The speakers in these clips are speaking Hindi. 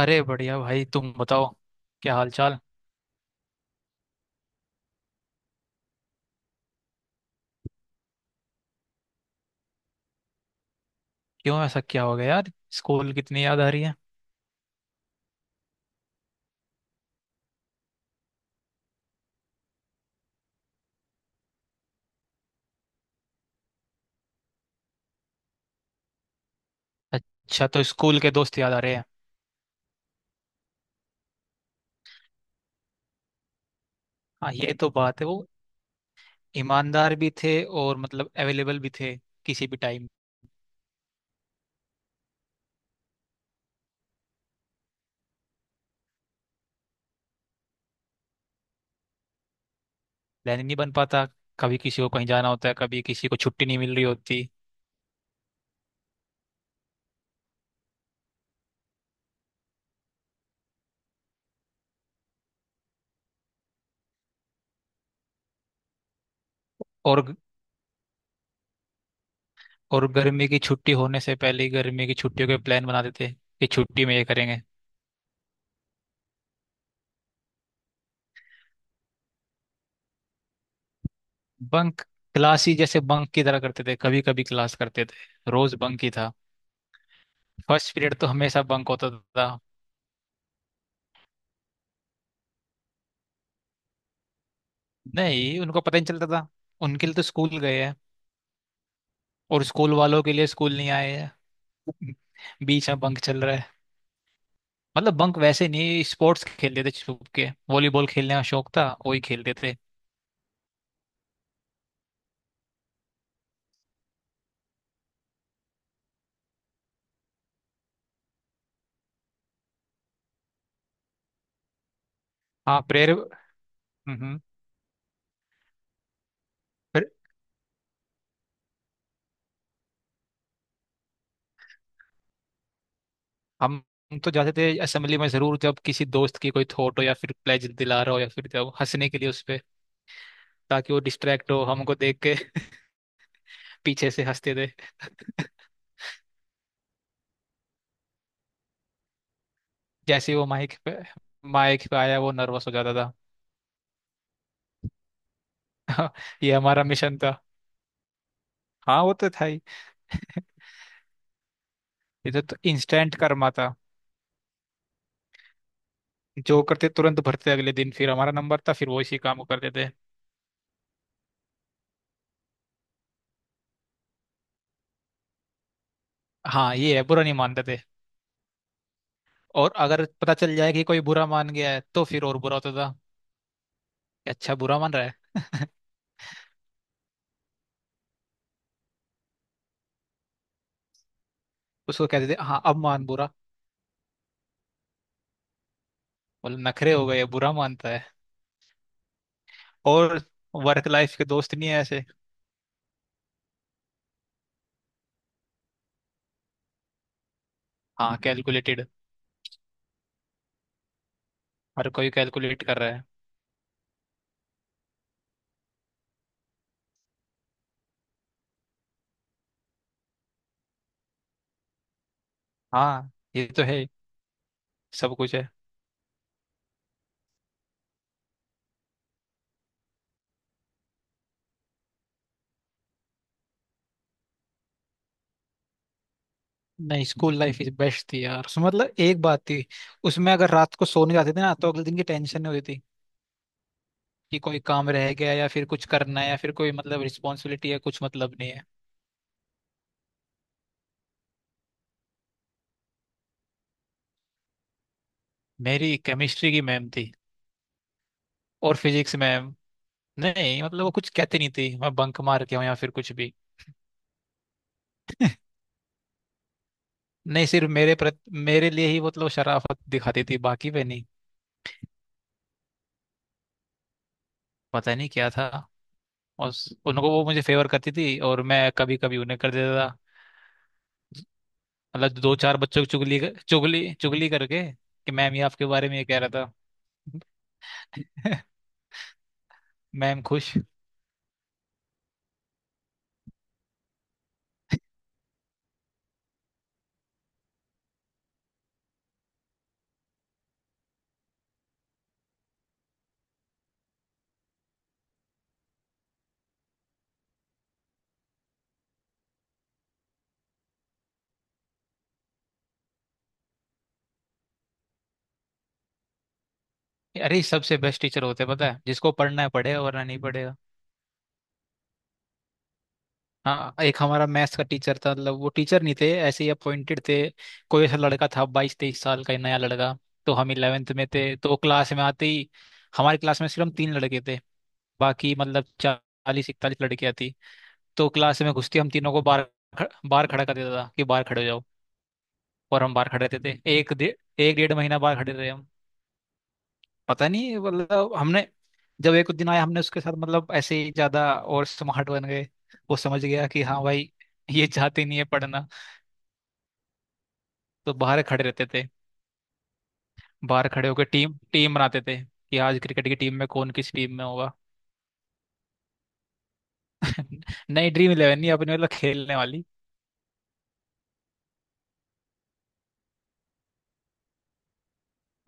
अरे बढ़िया भाई, तुम बताओ। क्या हाल चाल। क्यों, ऐसा क्या हो गया यार। स्कूल कितनी याद आ रही है। अच्छा तो स्कूल के दोस्त याद आ रहे हैं। हाँ ये तो बात है। वो ईमानदार भी थे और मतलब अवेलेबल भी थे, किसी भी टाइम। प्लान नहीं बन पाता। कभी किसी को कहीं जाना होता है, कभी किसी को छुट्टी नहीं मिल रही होती। और और गर्मी की छुट्टी होने से पहले ही गर्मी की छुट्टियों के प्लान बना देते, कि छुट्टी में ये करेंगे। बंक? क्लास ही जैसे बंक की तरह करते थे, कभी कभी क्लास करते थे। रोज बंक ही था। फर्स्ट पीरियड तो हमेशा बंक होता था। नहीं, उनको पता ही नहीं चलता था। उनके लिए तो स्कूल गए हैं, और स्कूल वालों के लिए स्कूल नहीं आए हैं, बीच में बंक चल रहा है। मतलब बंक वैसे नहीं, स्पोर्ट्स खेलते थे छुप के। वॉलीबॉल खेलने का शौक था, वही खेलते थे। हाँ, प्रेयर। हम्म। फिर हम हम तो जाते थे असेंबली में जरूर, जब किसी दोस्त की कोई थोट हो या फिर प्लेज दिला रहा हो, या फिर जब हंसने के लिए उस पे, ताकि वो डिस्ट्रैक्ट हो हमको देख के। पीछे से हंसते थे। जैसे ही वो माइक पे आया, वो नर्वस हो जाता। था। ये हमारा मिशन था। हाँ वो तो था ही। इधर तो इंस्टेंट कर्मा था। जो करते तुरंत भरते, अगले दिन फिर हमारा नंबर था, फिर वो इसी काम को करते थे। हाँ ये है, बुरा नहीं मानते थे। और अगर पता चल जाए कि कोई बुरा मान गया है, तो फिर और बुरा होता था, कि अच्छा बुरा मान रहा है। उसको कहते थे, हाँ अब मान बुरा। बोले नखरे हो गए, बुरा मानता है। और वर्क लाइफ के दोस्त नहीं है ऐसे। हाँ, कैलकुलेटेड। हर कोई कैलकुलेट कर रहा है। हाँ ये तो है ही, सब कुछ है। नहीं, स्कूल लाइफ इज बेस्ट थी यार। उसमें मतलब एक बात थी, उसमें अगर रात को सोने जाते थे ना, तो अगले दिन की टेंशन नहीं होती थी, कि कोई काम रह गया, या फिर कुछ करना है, या फिर कोई मतलब रिस्पॉन्सिबिलिटी है, कुछ मतलब नहीं है। मेरी केमिस्ट्री की मैम थी, और फिजिक्स मैम। नहीं मतलब वो कुछ कहती नहीं थी मैं बंक मार के हूँ या फिर कुछ भी। नहीं, सिर्फ मेरे प्रति, मेरे लिए ही मतलब शराफत दिखाती थी, बाकी पे नहीं। पता नहीं क्या था। और उनको, वो मुझे फेवर करती थी और मैं कभी कभी उन्हें कर देता था। मतलब दो चार बच्चों की चुगली चुगली चुगली करके, कि मैम ये आपके बारे में ये कह रहा था। मैम खुश। अरे सबसे बेस्ट टीचर होते हैं पता है, जिसको पढ़ना है पढ़ेगा, वरना नहीं पढ़ेगा। हाँ, एक हमारा मैथ्स का टीचर था, मतलब वो टीचर नहीं थे, ऐसे ही अपॉइंटेड थे। कोई ऐसा लड़का था 22-23 साल का, नया लड़का। तो हम 11th में थे, तो वो क्लास में आते ही, हमारी क्लास में सिर्फ हम तीन लड़के थे, बाकी मतलब 40-41 लड़कियां थी। तो क्लास में घुसते ही हम तीनों को बाहर, बाहर खड़ा कर देता था, कि बाहर खड़े हो। और हम बाहर खड़े रहते थे एक डे, एक डेढ़ महीना बाहर खड़े रहे हम। पता नहीं, मतलब हमने जब एक दिन आया, हमने उसके साथ मतलब ऐसे ही ज्यादा और स्मार्ट बन गए। वो समझ गया कि हाँ भाई, ये चाहते नहीं है पढ़ना। तो बाहर खड़े रहते थे। बाहर खड़े होकर टीम टीम बनाते थे कि आज क्रिकेट की टीम में कौन किस टीम में होगा। नई, ड्रीम इलेवन नहीं, अपनी मतलब खेलने वाली।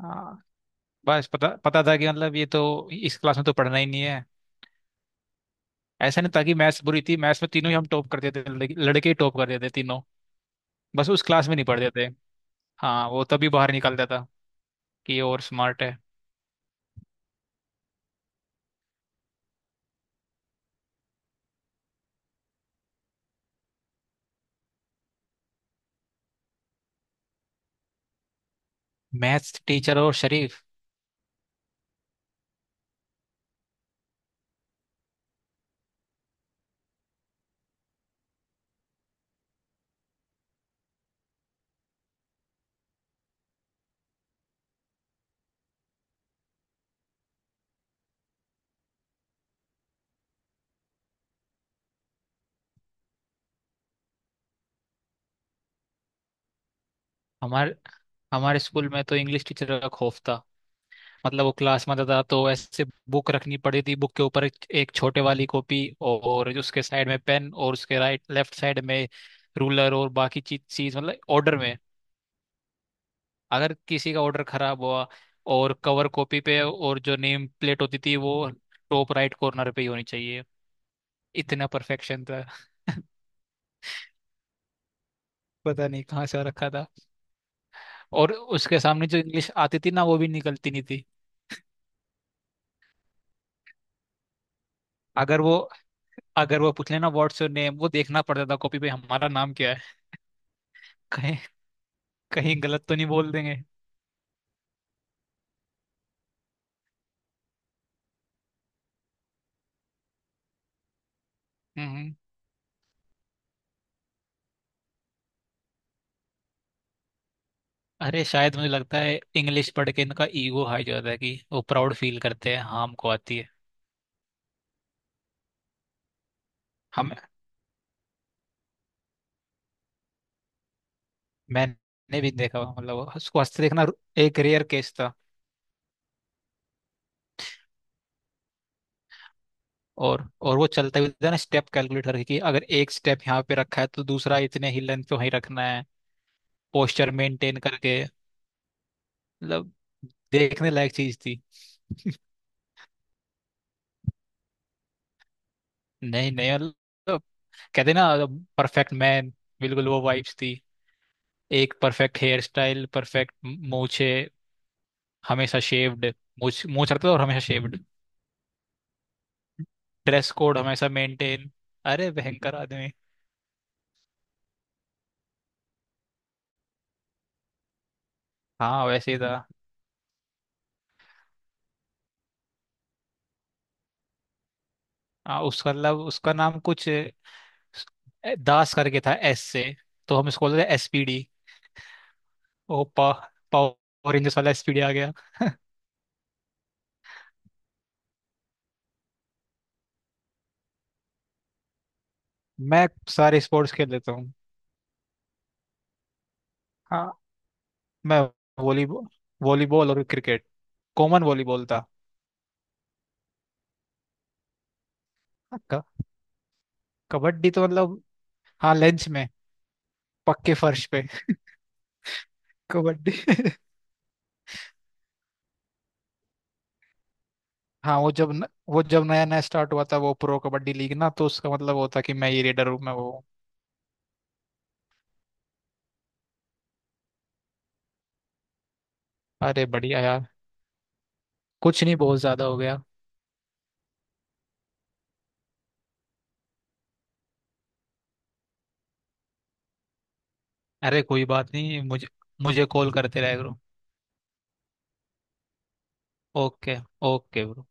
हाँ बस पता पता था कि मतलब ये तो, इस क्लास में तो पढ़ना ही नहीं है। ऐसा नहीं था कि मैथ्स बुरी थी, मैथ्स में तीनों ही हम टॉप करते थे, लड़के लड़के ही टॉप करते थे तीनों, बस उस क्लास में नहीं पढ़ते थे। हाँ वो तभी बाहर निकलता था, कि ये और स्मार्ट है। मैथ्स टीचर और शरीफ? हमारे हमारे स्कूल में तो इंग्लिश टीचर का खौफ था। मतलब वो क्लास में आता था तो ऐसे बुक रखनी पड़ी थी, बुक के ऊपर एक एक छोटे वाली कॉपी, और उसके साइड में पेन, और उसके राइट लेफ्ट साइड में रूलर और बाकी चीज चीज, मतलब ऑर्डर में। अगर किसी का ऑर्डर खराब हुआ। और कवर कॉपी पे, और जो नेम प्लेट होती थी वो टॉप राइट कॉर्नर पे ही होनी चाहिए, इतना परफेक्शन था। पता नहीं कहाँ से रखा था। और उसके सामने जो इंग्लिश आती थी ना, वो भी निकलती नहीं थी। अगर वो अगर वो पूछ लेना व्हाट्स योर नेम, वो देखना पड़ता था कॉपी पे हमारा नाम क्या है। कहीं कहीं गलत तो नहीं बोल देंगे। हम्म। अरे शायद मुझे लगता है इंग्लिश पढ़ के इनका ईगो हाई हो जाता है, कि वो प्राउड फील करते हैं, हाँ हमको आती है। हम। मैंने भी देखा हुआ, मतलब उसको हंसते देखना एक रेयर केस था। और वो चलता भी था ना स्टेप कैलकुलेट करके, कि अगर एक स्टेप यहाँ पे रखा है तो दूसरा इतने ही लेंथ पे वहीं रखना है, पोस्चर मेंटेन करके। मतलब देखने लायक चीज थी। नहीं नहीं, मतलब कहते ना, परफेक्ट मैन, बिल्कुल वो वाइब्स थी। एक परफेक्ट हेयर स्टाइल, परफेक्ट मूछे, हमेशा शेव्ड। मूछ मूछ रखता था, और हमेशा शेव्ड। ड्रेस कोड हमेशा मेंटेन। अरे भयंकर आदमी। हाँ वैसे ही था। हाँ उसका, मतलब उसका नाम कुछ दास करके था, एस से। तो हम इसको बोलते थे एसपीडी। ओ पा, पावर रेंजर्स वाला एसपीडी आ गया। मैं सारे स्पोर्ट्स खेल लेता हूँ। हाँ, मैं वॉलीबॉल, वॉलीबॉल और क्रिकेट, कॉमन वॉलीबॉल था। क- कबड्डी तो मतलब, हाँ लंच में, पक्के फर्श पे कबड्डी। हाँ वो जब न, वो जब नया नया स्टार्ट हुआ था वो प्रो कबड्डी लीग ना, तो उसका मतलब वो था कि मैं ये रेडर हूँ मैं वो हूँ। अरे बढ़िया यार। कुछ नहीं, बहुत ज्यादा हो गया। अरे कोई बात नहीं। मुझे मुझे कॉल करते रह करो। ओके। Okay bro.